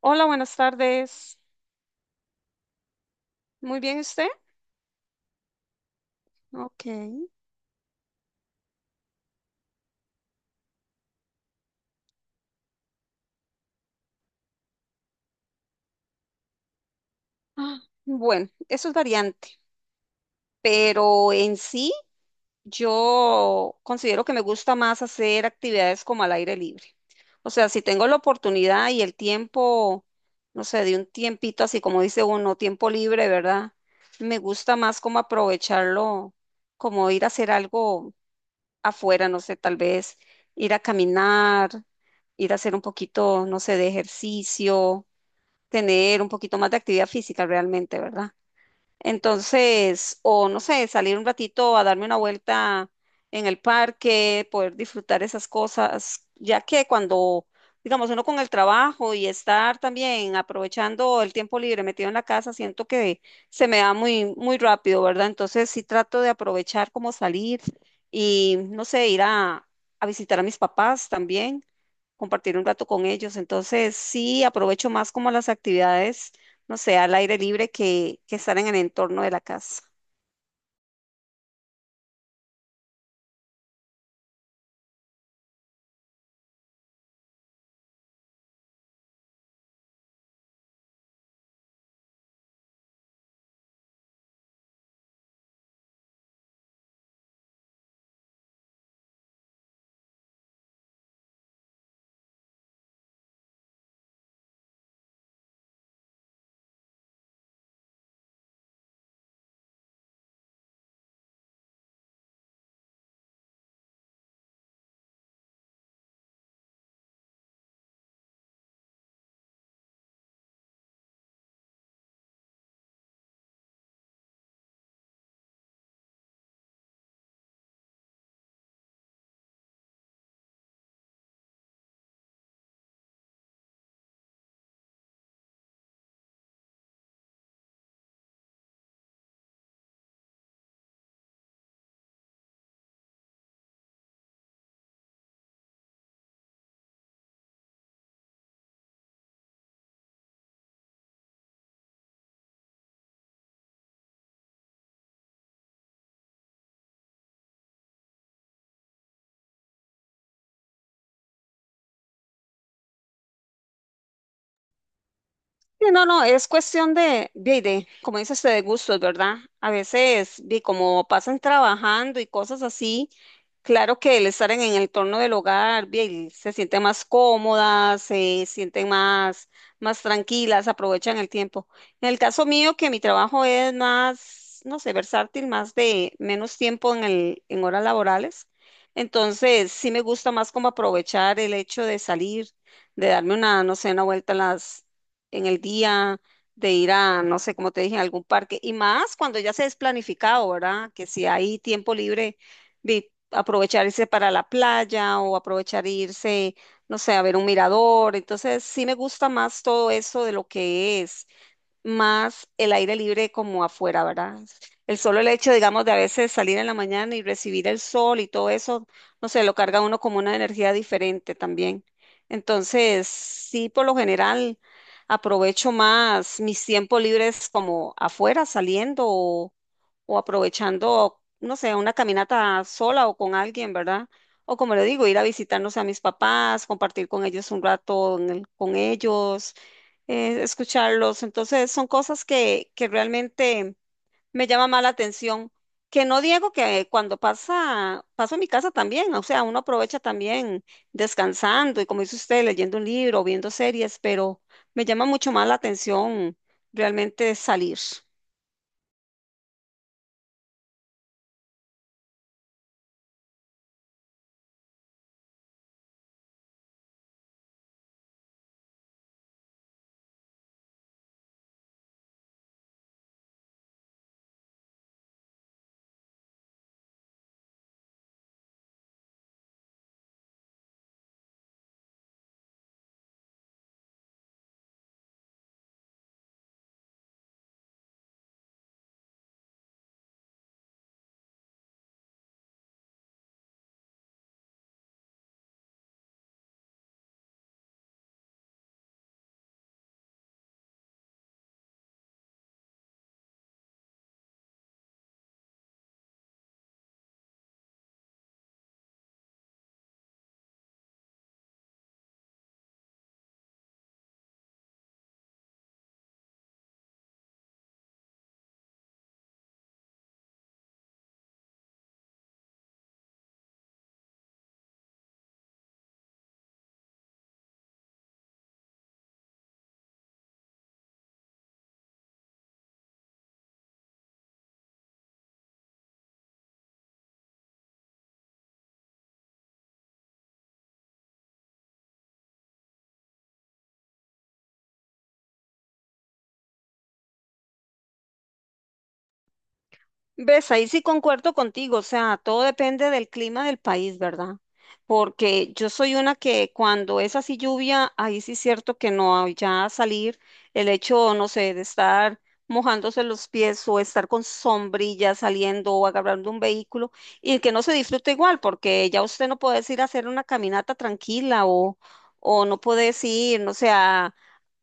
Hola, buenas tardes. Muy bien, ¿usted? Ok. Ah, bueno, eso es variante, pero en sí yo considero que me gusta más hacer actividades como al aire libre. O sea, si tengo la oportunidad y el tiempo, no sé, de un tiempito, así como dice uno, tiempo libre, ¿verdad? Me gusta más como aprovecharlo, como ir a hacer algo afuera, no sé, tal vez ir a caminar, ir a hacer un poquito, no sé, de ejercicio tener un poquito más de actividad física realmente, ¿verdad? Entonces, o no sé, salir un ratito a darme una vuelta en el parque, poder disfrutar esas cosas, ya que cuando, digamos, uno con el trabajo y estar también aprovechando el tiempo libre metido en la casa, siento que se me da muy, muy rápido, ¿verdad? Entonces, sí trato de aprovechar como salir y, no sé, ir a visitar a mis papás también compartir un rato con ellos. Entonces, sí, aprovecho más como las actividades, no sé, al aire libre que estar en el entorno de la casa. Sí, no, no, es cuestión de, como dice usted, de gustos, ¿verdad? A veces, de como pasan trabajando y cosas así, claro que el estar en el torno del hogar, bien, se sienten más cómodas, se sienten más, más tranquilas, aprovechan el tiempo. En el caso mío, que mi trabajo es más, no sé, versátil, más de menos tiempo en horas laborales, entonces sí me gusta más como aprovechar el hecho de salir, de darme una, no sé, una vuelta a las en el día, de ir a, no sé, como te dije, a algún parque, y más cuando ya se es planificado, ¿verdad? Que si hay tiempo libre, aprovechar irse para la playa o aprovechar irse, no sé, a ver un mirador. Entonces, sí me gusta más todo eso de lo que es más el aire libre como afuera, ¿verdad? El solo el hecho, digamos, de a veces salir en la mañana y recibir el sol y todo eso, no sé, lo carga a uno como una energía diferente también. Entonces, sí, por lo general, aprovecho más mis tiempos libres como afuera, saliendo o aprovechando, no sé, una caminata sola o con alguien, ¿verdad? O como le digo, ir a visitarnos a mis papás, compartir con ellos un rato en con ellos, escucharlos. Entonces, son cosas que realmente me llama más la atención. Que no digo que cuando pasa, paso en mi casa también, o sea, uno aprovecha también descansando y como dice usted, leyendo un libro, viendo series, pero me llama mucho más la atención realmente salir. Ves, ahí sí concuerdo contigo, o sea, todo depende del clima del país, ¿verdad? Porque yo soy una que cuando es así lluvia, ahí sí es cierto que no, ya salir, el hecho, no sé, de estar mojándose los pies o estar con sombrilla saliendo o agarrando un vehículo y que no se disfrute igual, porque ya usted no puede ir a hacer una caminata tranquila o no puede ir, no sé,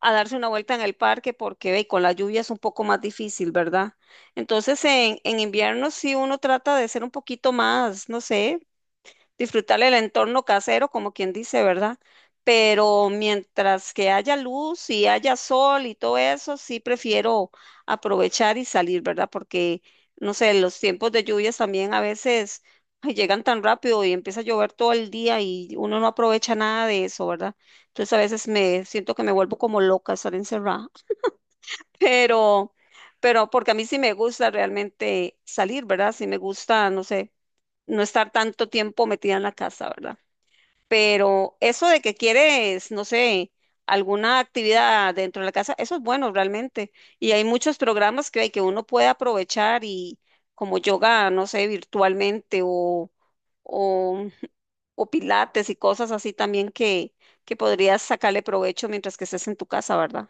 a darse una vuelta en el parque porque ve, con la lluvia es un poco más difícil, ¿verdad? Entonces, en invierno sí uno trata de ser un poquito más, no sé, disfrutar el entorno casero, como quien dice, ¿verdad? Pero mientras que haya luz y haya sol y todo eso, sí prefiero aprovechar y salir, ¿verdad? Porque, no sé, los tiempos de lluvias también a veces ay, llegan tan rápido y empieza a llover todo el día y uno no aprovecha nada de eso, ¿verdad? Entonces a veces me siento que me vuelvo como loca estar encerrada pero, pero porque a mí sí me gusta realmente salir, ¿verdad? Sí me gusta, no sé, no estar tanto tiempo metida en la casa, ¿verdad? Pero eso de que quieres, no sé, alguna actividad dentro de la casa, eso es bueno realmente. Y hay muchos programas que hay que uno puede aprovechar y como yoga, no sé, virtualmente o o pilates y cosas así también que podrías sacarle provecho mientras que estés en tu casa, ¿verdad?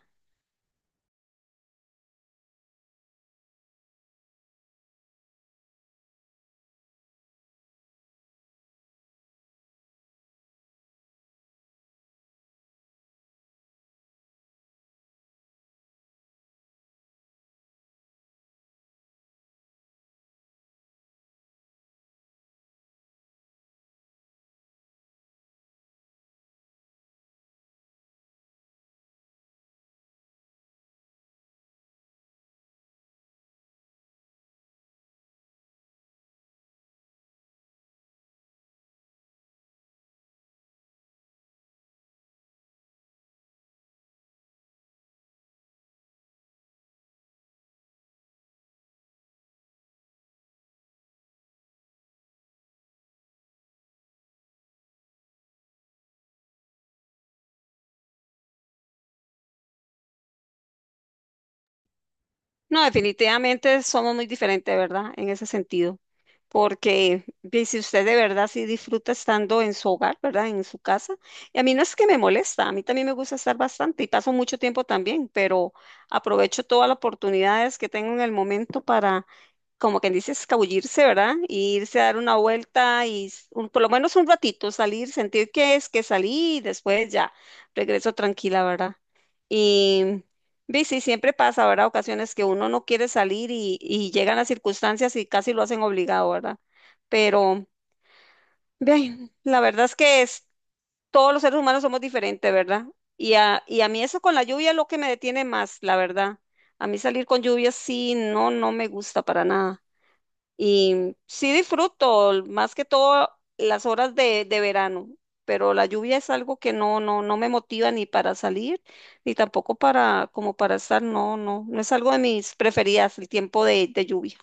No, definitivamente somos muy diferentes, ¿verdad? En ese sentido. Porque ve, si usted de verdad sí disfruta estando en su hogar, ¿verdad? En su casa. Y a mí no es que me molesta, a mí también me gusta estar bastante y paso mucho tiempo también, pero aprovecho todas las oportunidades que tengo en el momento para, como quien dice, escabullirse, ¿verdad? Y irse a dar una vuelta y por lo menos un ratito salir, sentir que es que salí y después ya regreso tranquila, ¿verdad? Ve, sí, siempre pasa, ¿verdad? Ocasiones que uno no quiere salir y llegan las circunstancias y casi lo hacen obligado, ¿verdad? Pero, ve, ay, la verdad es que es, todos los seres humanos somos diferentes, ¿verdad? Y a mí eso con la lluvia es lo que me detiene más, la verdad. A mí salir con lluvia sí, no, no me gusta para nada. Y sí disfruto más que todo las horas de verano, pero la lluvia es algo que no, no, no me motiva ni para salir, ni tampoco para, como para estar, no, no, no es algo de mis preferidas, el tiempo de lluvia.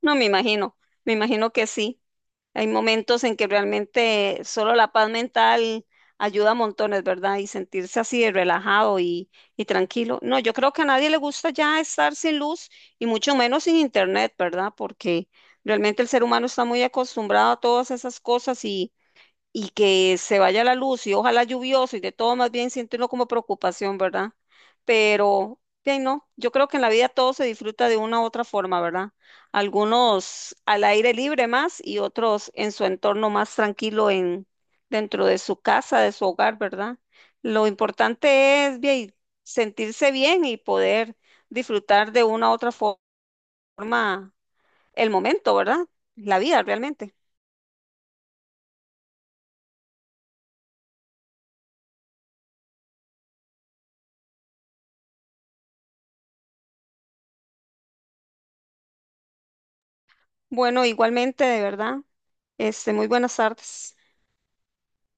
No, me imagino que sí. Hay momentos en que realmente solo la paz mental ayuda a montones, ¿verdad? Y sentirse así de relajado y tranquilo. No, yo creo que a nadie le gusta ya estar sin luz y mucho menos sin internet, ¿verdad? Porque realmente el ser humano está muy acostumbrado a todas esas cosas y que se vaya la luz y ojalá lluvioso y de todo, más bien siente uno como preocupación, ¿verdad? Pero, bien, no, yo creo que en la vida todo se disfruta de una u otra forma, ¿verdad? Algunos al aire libre más y otros en su entorno más tranquilo en, dentro de su casa, de su hogar, ¿verdad? Lo importante es bien, sentirse bien y poder disfrutar de una u otra forma el momento, ¿verdad? La vida realmente. Bueno, igualmente, de verdad. Muy buenas tardes.